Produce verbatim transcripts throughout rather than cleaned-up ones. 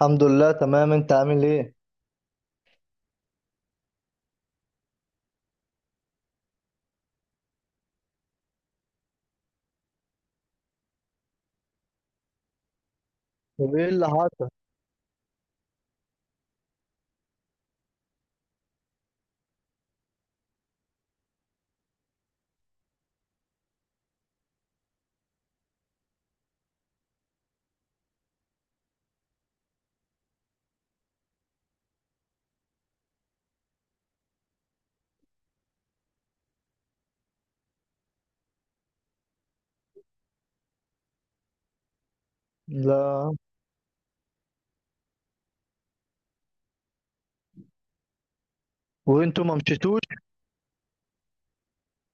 الحمد لله تمام، انت عامل ايه؟ وايه اللي حصل؟ لا. وانتوا ما مشيتوش؟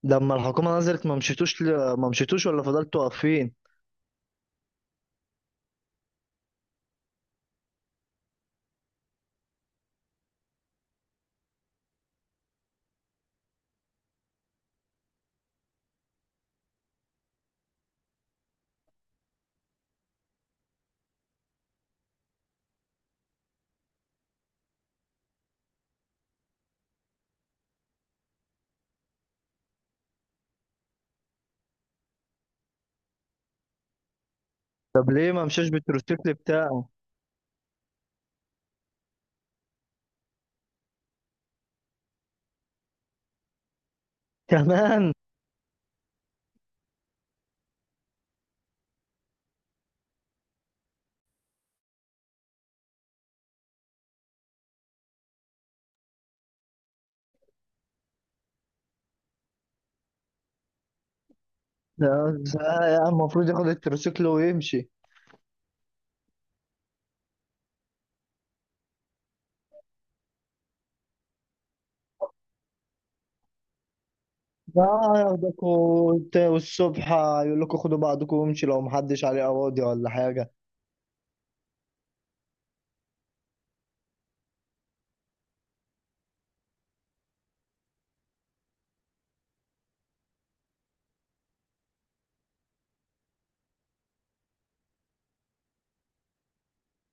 لما الحكومه نزلت ما مشيتوش ل... ما مشيتوش ولا فضلتوا واقفين؟ طب ليه ما مشاش بالتروسيكل بتاعه؟ كمان؟ لا لا يا عم، المفروض ياخد التروسيكل ويمشي. لا، ياخدكوا وت- والصبح يقول لكم خدوا بعضكم وامشي لو محدش عليه قواضي ولا حاجه.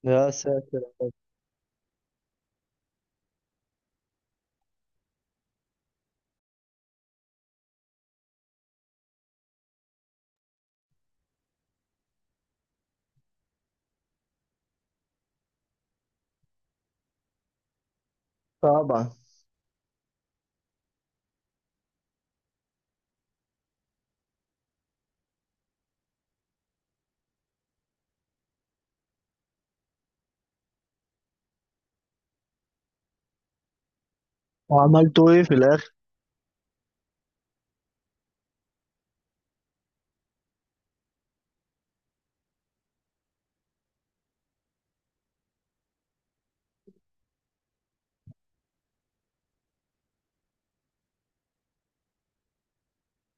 يا ساتر. طبعا. وعملتوا ايه في الاخر؟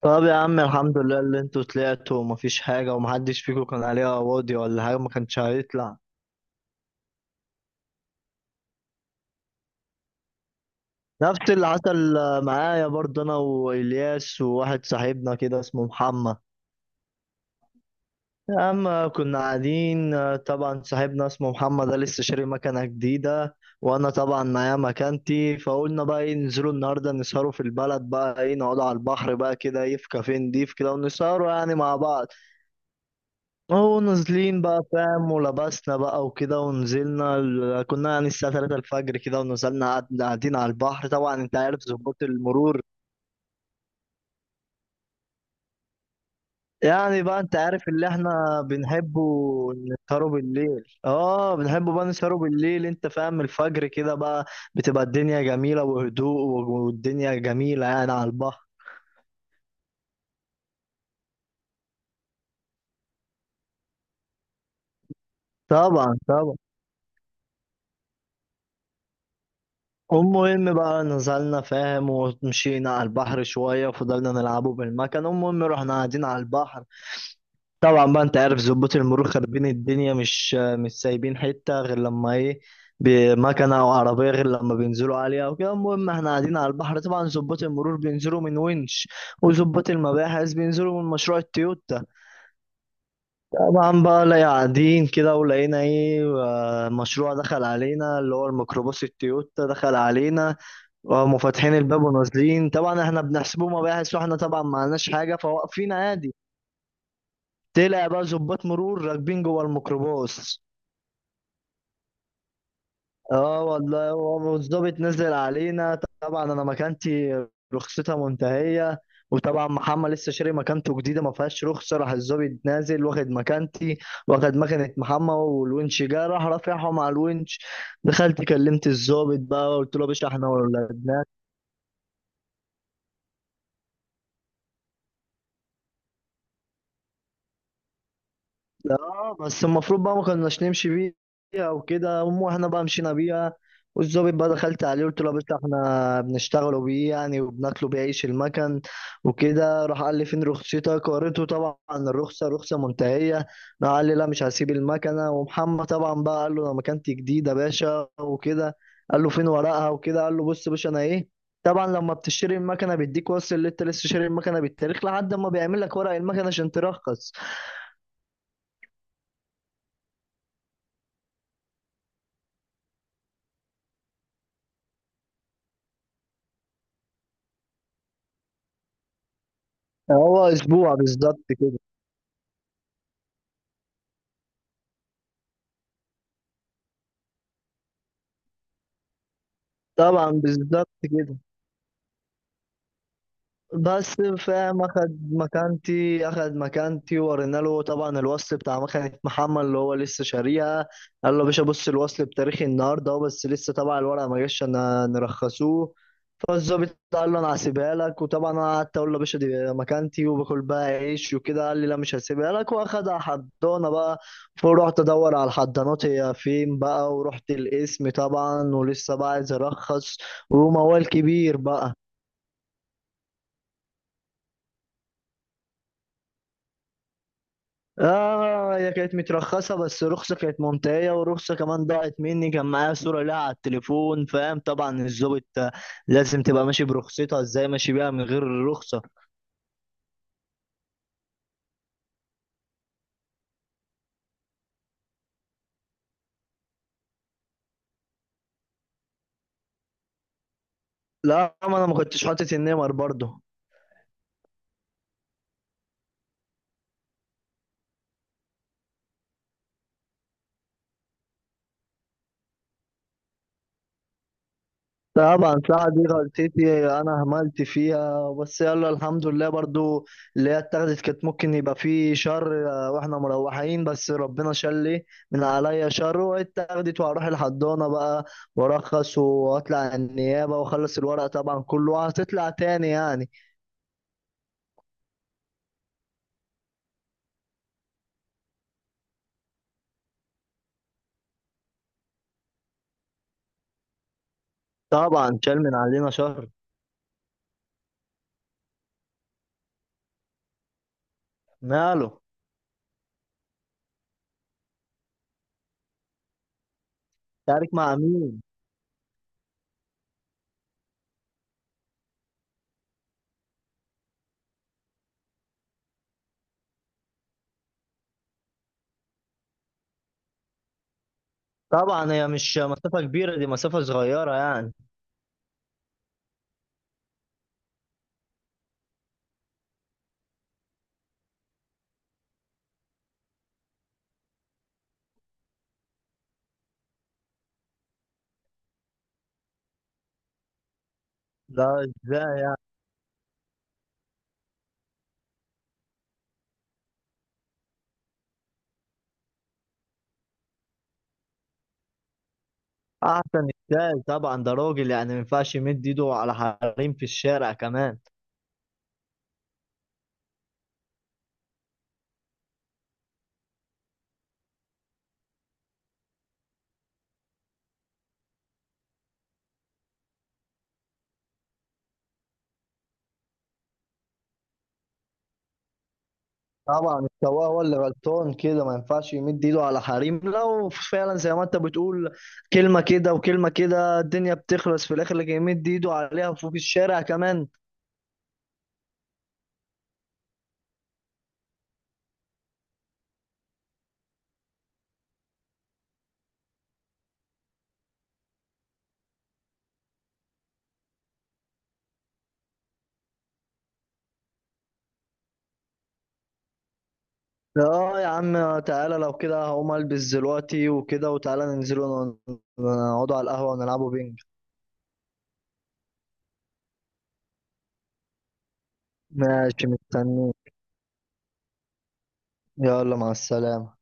طب يا عم الحمد لله اللي انتوا طلعتوا ومفيش حاجة ومحدش فيكم كان عليها واضي ولا حاجة، ما كانش هيطلع. نفس اللي حصل معايا برضه، انا والياس وواحد صاحبنا كده اسمه محمد. يا عم، كنا قاعدين، طبعا صاحبنا اسمه محمد ده لسه شاري مكنة جديدة، وانا طبعا معايا مكانتي، فقلنا بقى ايه، ننزلوا النهارده نسهروا في البلد، بقى ايه نقعدوا على البحر بقى كده، ايه، في كافيه نضيف كده ونسهروا يعني مع بعض. اهو نازلين بقى فاهم، ولبسنا بقى وكده ونزلنا ال- كنا يعني الساعة ثلاثة الفجر كده، ونزلنا قعد- قاعدين على البحر. طبعا انت عارف ضباط المرور، يعني بقى انت عارف اللي احنا بنحبه، نسهروا بالليل، اه بنحبه بقى نسهروا بالليل، انت فاهم، الفجر كده بقى بتبقى الدنيا جميلة وهدوء، والدنيا جميلة يعني على البحر. طبعا طبعا. المهم بقى نزلنا فاهم ومشينا على البحر شوية وفضلنا نلعبه بالمكان. المهم رحنا قاعدين على البحر، طبعا بقى انت عارف ظباط المرور خاربين الدنيا، مش مش سايبين حتة غير لما ايه، بمكنة او عربية، غير لما بينزلوا عليها او كده. المهم احنا قاعدين على البحر، طبعا ظباط المرور بينزلوا من ونش، وظباط المباحث بينزلوا من مشروع التويوتا. طبعا بقى لا، قاعدين كده ولقينا ايه، آه، مشروع دخل علينا، اللي هو الميكروباص التويوتا دخل علينا، وهم فاتحين الباب ونازلين. طبعا احنا بنحسبه مباحث، واحنا طبعا معناش حاجة، فواقفين عادي. طلع بقى ظباط مرور راكبين جوه الميكروباص. اه والله. هو والظابط نزل علينا، طبعا انا مكانتي رخصتها منتهيه، وطبعا محمد لسه شاري مكانته جديده ما فيهاش رخصه. راح الظابط نازل واخد مكانتي واخد مكنه محمد، والونش جه راح رافعهم على الونش. دخلت كلمت الظابط بقى قلت له يا باشا احنا ولاد. اه بس المفروض بقى ما كناش نمشي بيها وكده، المهم واحنا بقى مشينا بيها. والظابط بقى دخلت عليه قلت له يا باشا احنا بنشتغلوا بيه يعني وبناكلوا بيه عيش المكن وكده. راح قال لي فين رخصتك، وريته طبعا الرخصه، رخصه منتهيه. راح قال لي لا مش هسيب المكنه. ومحمد طبعا بقى قال له انا مكانتي جديده يا باشا وكده. قال له فين ورقها وكده، قال له بص يا باشا انا ايه، طبعا لما بتشتري المكنه بيديك وصل اللي انت لسه شاري المكنه بالتاريخ لحد ما بيعمل لك ورق المكنه عشان ترخص. هو اسبوع بالظبط كده. طبعا بالظبط كده. بس فاهم، اخد مكانتي، اخد مكانتي، ورينا له طبعا الوصل بتاع مكنة محمد اللي هو لسه شاريها، قال له يا باشا بص الوصل بتاريخي النهارده اهو، بس لسه طبعا الورقه ما جاش عشان نرخصوه. فالظابط قال له انا هسيبها لك، وطبعا انا قعدت اقول له يا باشا دي مكانتي وباكل بقى عيش وكده، قال لي لا مش هسيبها لك واخدها حضانه بقى. فرحت ادور على الحضانات هي فين بقى، ورحت القسم طبعا ولسه بقى عايز ارخص وموال كبير بقى. اه هي كانت مترخصة بس رخصة كانت منتهية، ورخصة كمان ضاعت مني، كان معايا صورة لها على التليفون، فاهم؟ طبعا الظابط لازم تبقى ماشي برخصتها، ازاي ماشي بيها من غير الرخصة؟ لا ما انا ما كنتش حاطط النمر برضه. طبعا ساعة دي غلطتي، انا هملت فيها، بس يلا الحمد لله برضو، اللي هي اتاخدت كانت ممكن يبقى في شر آه، واحنا مروحين، بس ربنا شلي من عليا شر. واتاخدت وهروح الحضانة بقى وارخص واطلع النيابة واخلص الورق طبعا كله، وهتطلع تاني يعني. طبعا شال من علينا شر. ماله؟ تعارك مع مين؟ طبعا هي مش مسافة كبيرة، دي مسافة صغيرة يعني. لا. احسن ازاي، طبعا ده راجل يعني ما ينفعش يمد ايده على حريم في الشارع كمان. طبعا السواق هو اللي غلطان، كده ما ينفعش يمد ايده على حريم، لو فعلا زي ما انت بتقول كلمة كده وكلمة كده الدنيا بتخلص في الاخر، اللي يمد ايده عليها فوق الشارع كمان. اه يا عم، تعالى لو كده هقوم البس دلوقتي وكده، وتعالى ننزلوا نقعدوا على القهوة ونلعبوا بينج. ماشي مستنيك. يلا مع السلامة.